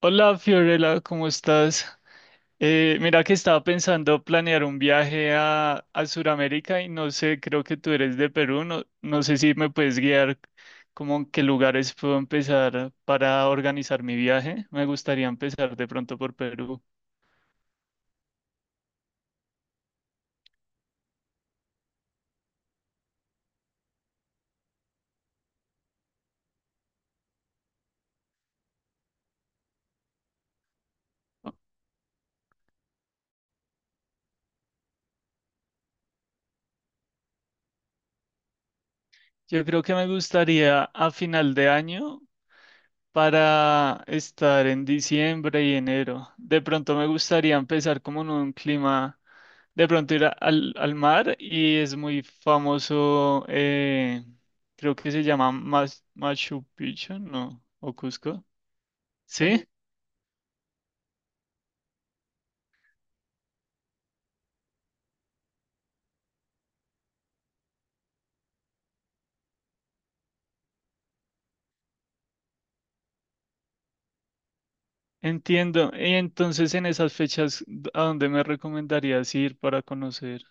Hola Fiorella, ¿cómo estás? Mira que estaba pensando planear un viaje a Sudamérica y no sé, creo que tú eres de Perú, no, no sé si me puedes guiar como en qué lugares puedo empezar para organizar mi viaje. Me gustaría empezar de pronto por Perú. ¿No? Yo creo que me gustaría a final de año para estar en diciembre y enero. De pronto me gustaría empezar como en un clima de pronto al, al mar y es muy famoso, creo que se llama Machu Picchu, ¿no? O Cusco. Sí, entiendo. Y entonces en esas fechas, ¿a dónde me recomendarías ir para conocer?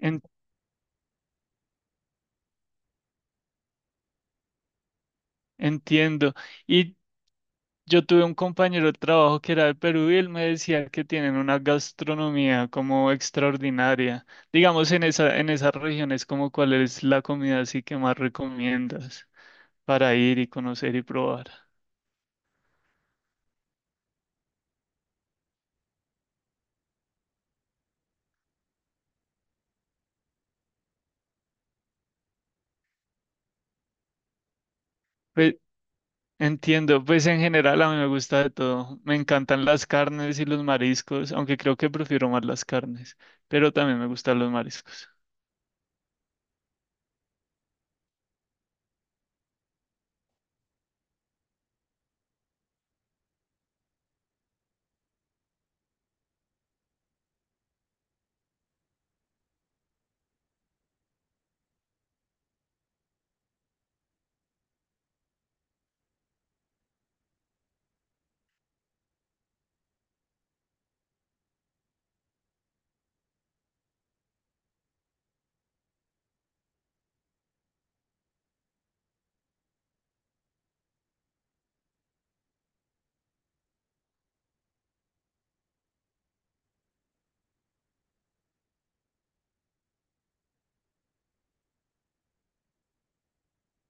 En- Entiendo. Y yo tuve un compañero de trabajo que era de Perú y él me decía que tienen una gastronomía como extraordinaria. Digamos, en en esas regiones, como cuál es la comida así que más recomiendas para ir y conocer y probar. Pues entiendo, pues en general a mí me gusta de todo. Me encantan las carnes y los mariscos, aunque creo que prefiero más las carnes, pero también me gustan los mariscos.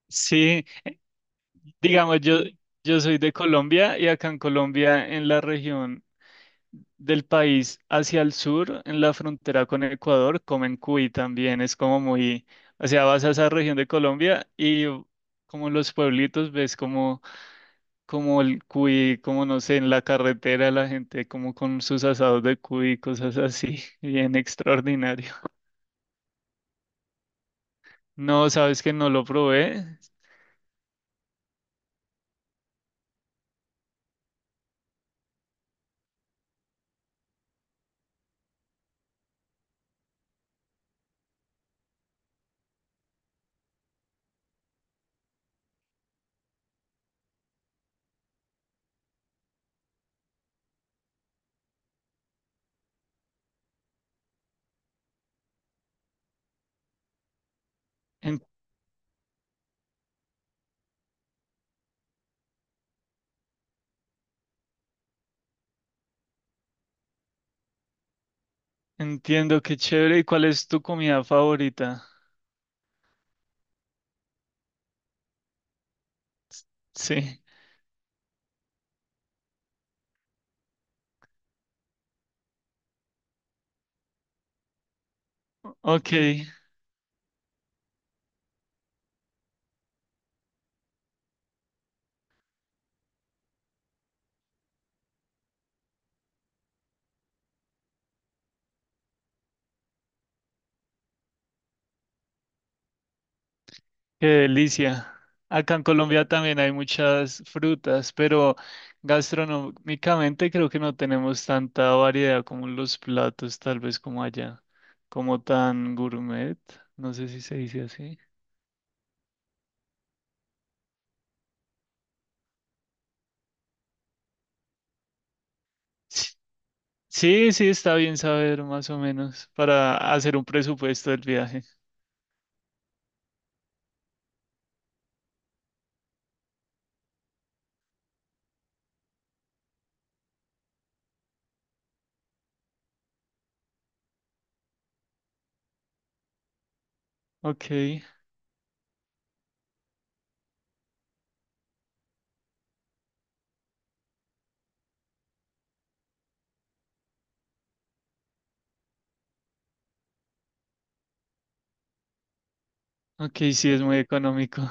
Sí, digamos, yo soy de Colombia y acá en Colombia, en la región del país hacia el sur, en la frontera con Ecuador, comen cuy también. Es como muy, o sea, vas a esa región de Colombia y como los pueblitos ves como el cuy, como no sé, en la carretera la gente como con sus asados de cuy, cosas así, bien extraordinario. No, sabes que no lo probé. En- Entiendo, qué chévere. ¿Y cuál es tu comida favorita? Sí, ok, qué delicia. Acá en Colombia también hay muchas frutas, pero gastronómicamente creo que no tenemos tanta variedad como en los platos, tal vez como allá, como tan gourmet, no sé si se dice así. Sí, sí, está bien saber más o menos para hacer un presupuesto del viaje. Ok, ok, sí, es muy económico.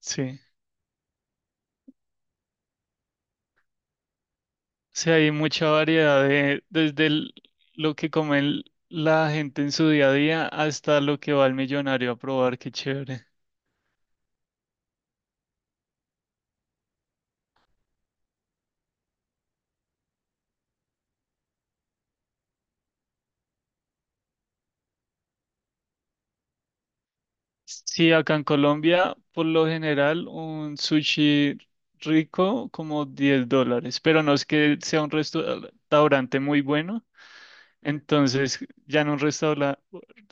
Sí. Sí, hay mucha variedad de, desde lo que come la gente en su día a día hasta lo que va el millonario a probar, qué chévere. Sí, acá en Colombia, por lo general, un sushi rico como $10, pero no es que sea un restaurante muy bueno. Entonces, ya en un restaurante,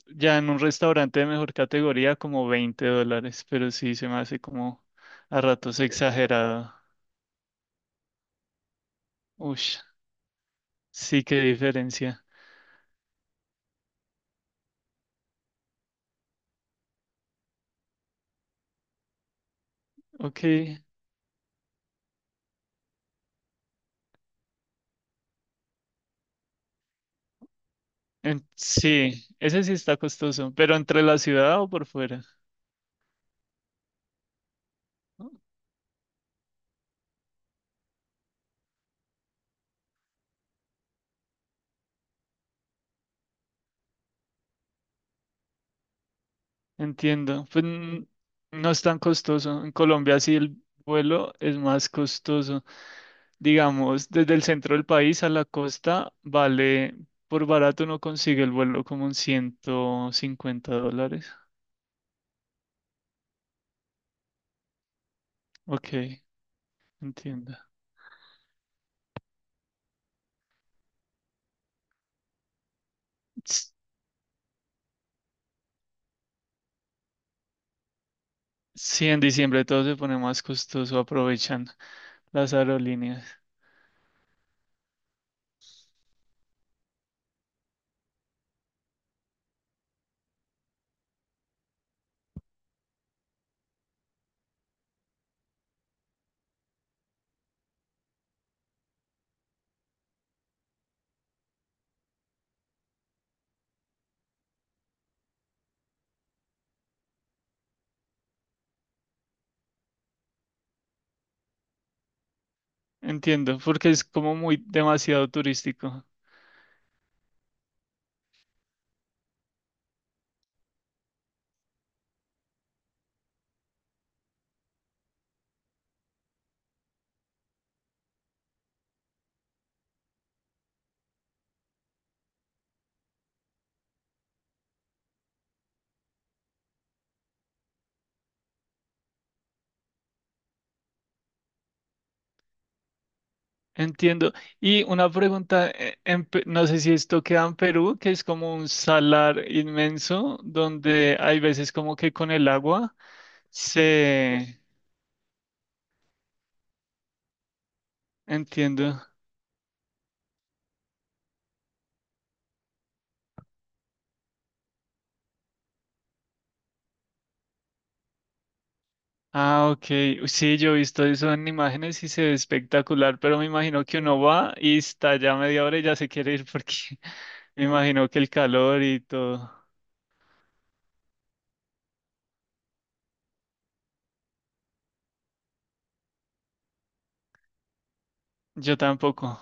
ya en un restaurante de mejor categoría, como $20, pero sí se me hace como a ratos exagerado. Ush, sí, qué diferencia. Ok, en- sí, ese sí está costoso, pero entre la ciudad o por fuera. Entiendo. No es tan costoso. En Colombia sí el vuelo es más costoso. Digamos, desde el centro del país a la costa vale, por barato uno consigue el vuelo como en $150. Ok, entiendo. S- Sí, en diciembre todo se pone más costoso, aprovechan las aerolíneas. Entiendo, porque es como muy demasiado turístico. Entiendo. Y una pregunta, en no sé si esto queda en Perú, que es como un salar inmenso, donde hay veces como que con el agua se... Entiendo. Ah, ok. Uy, sí, yo he visto eso en imágenes y se ve espectacular, pero me imagino que uno va y está ya media hora y ya se quiere ir porque me imagino que el calor y todo. Yo tampoco.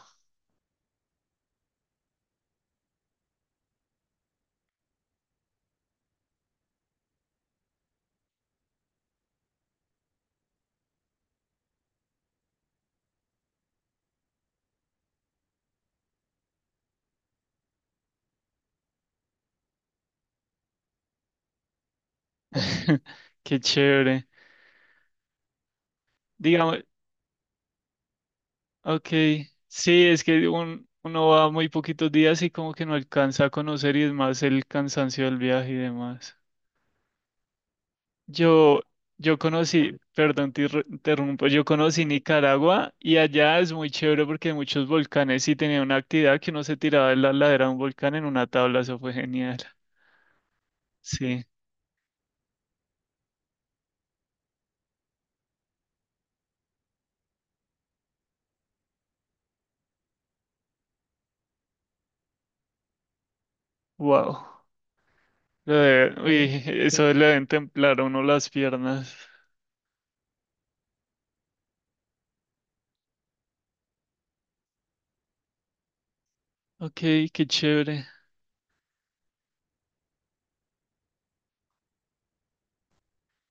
Qué chévere. Digamos, ok, sí, es que uno va muy poquitos días y como que no alcanza a conocer y es más el cansancio del viaje y demás. Yo, yo conocí, perdón, interrumpo, yo conocí Nicaragua y allá es muy chévere porque hay muchos volcanes y tenía una actividad que uno se tiraba de la ladera de un volcán en una tabla, eso fue genial. Sí, wow. Uy, eso le deben templar a uno las piernas. Ok, qué chévere.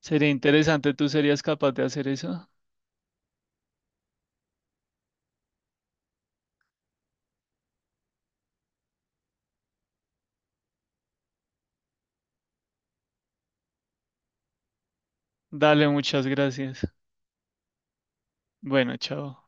Sería interesante, ¿tú serías capaz de hacer eso? Dale, muchas gracias. Bueno, chao.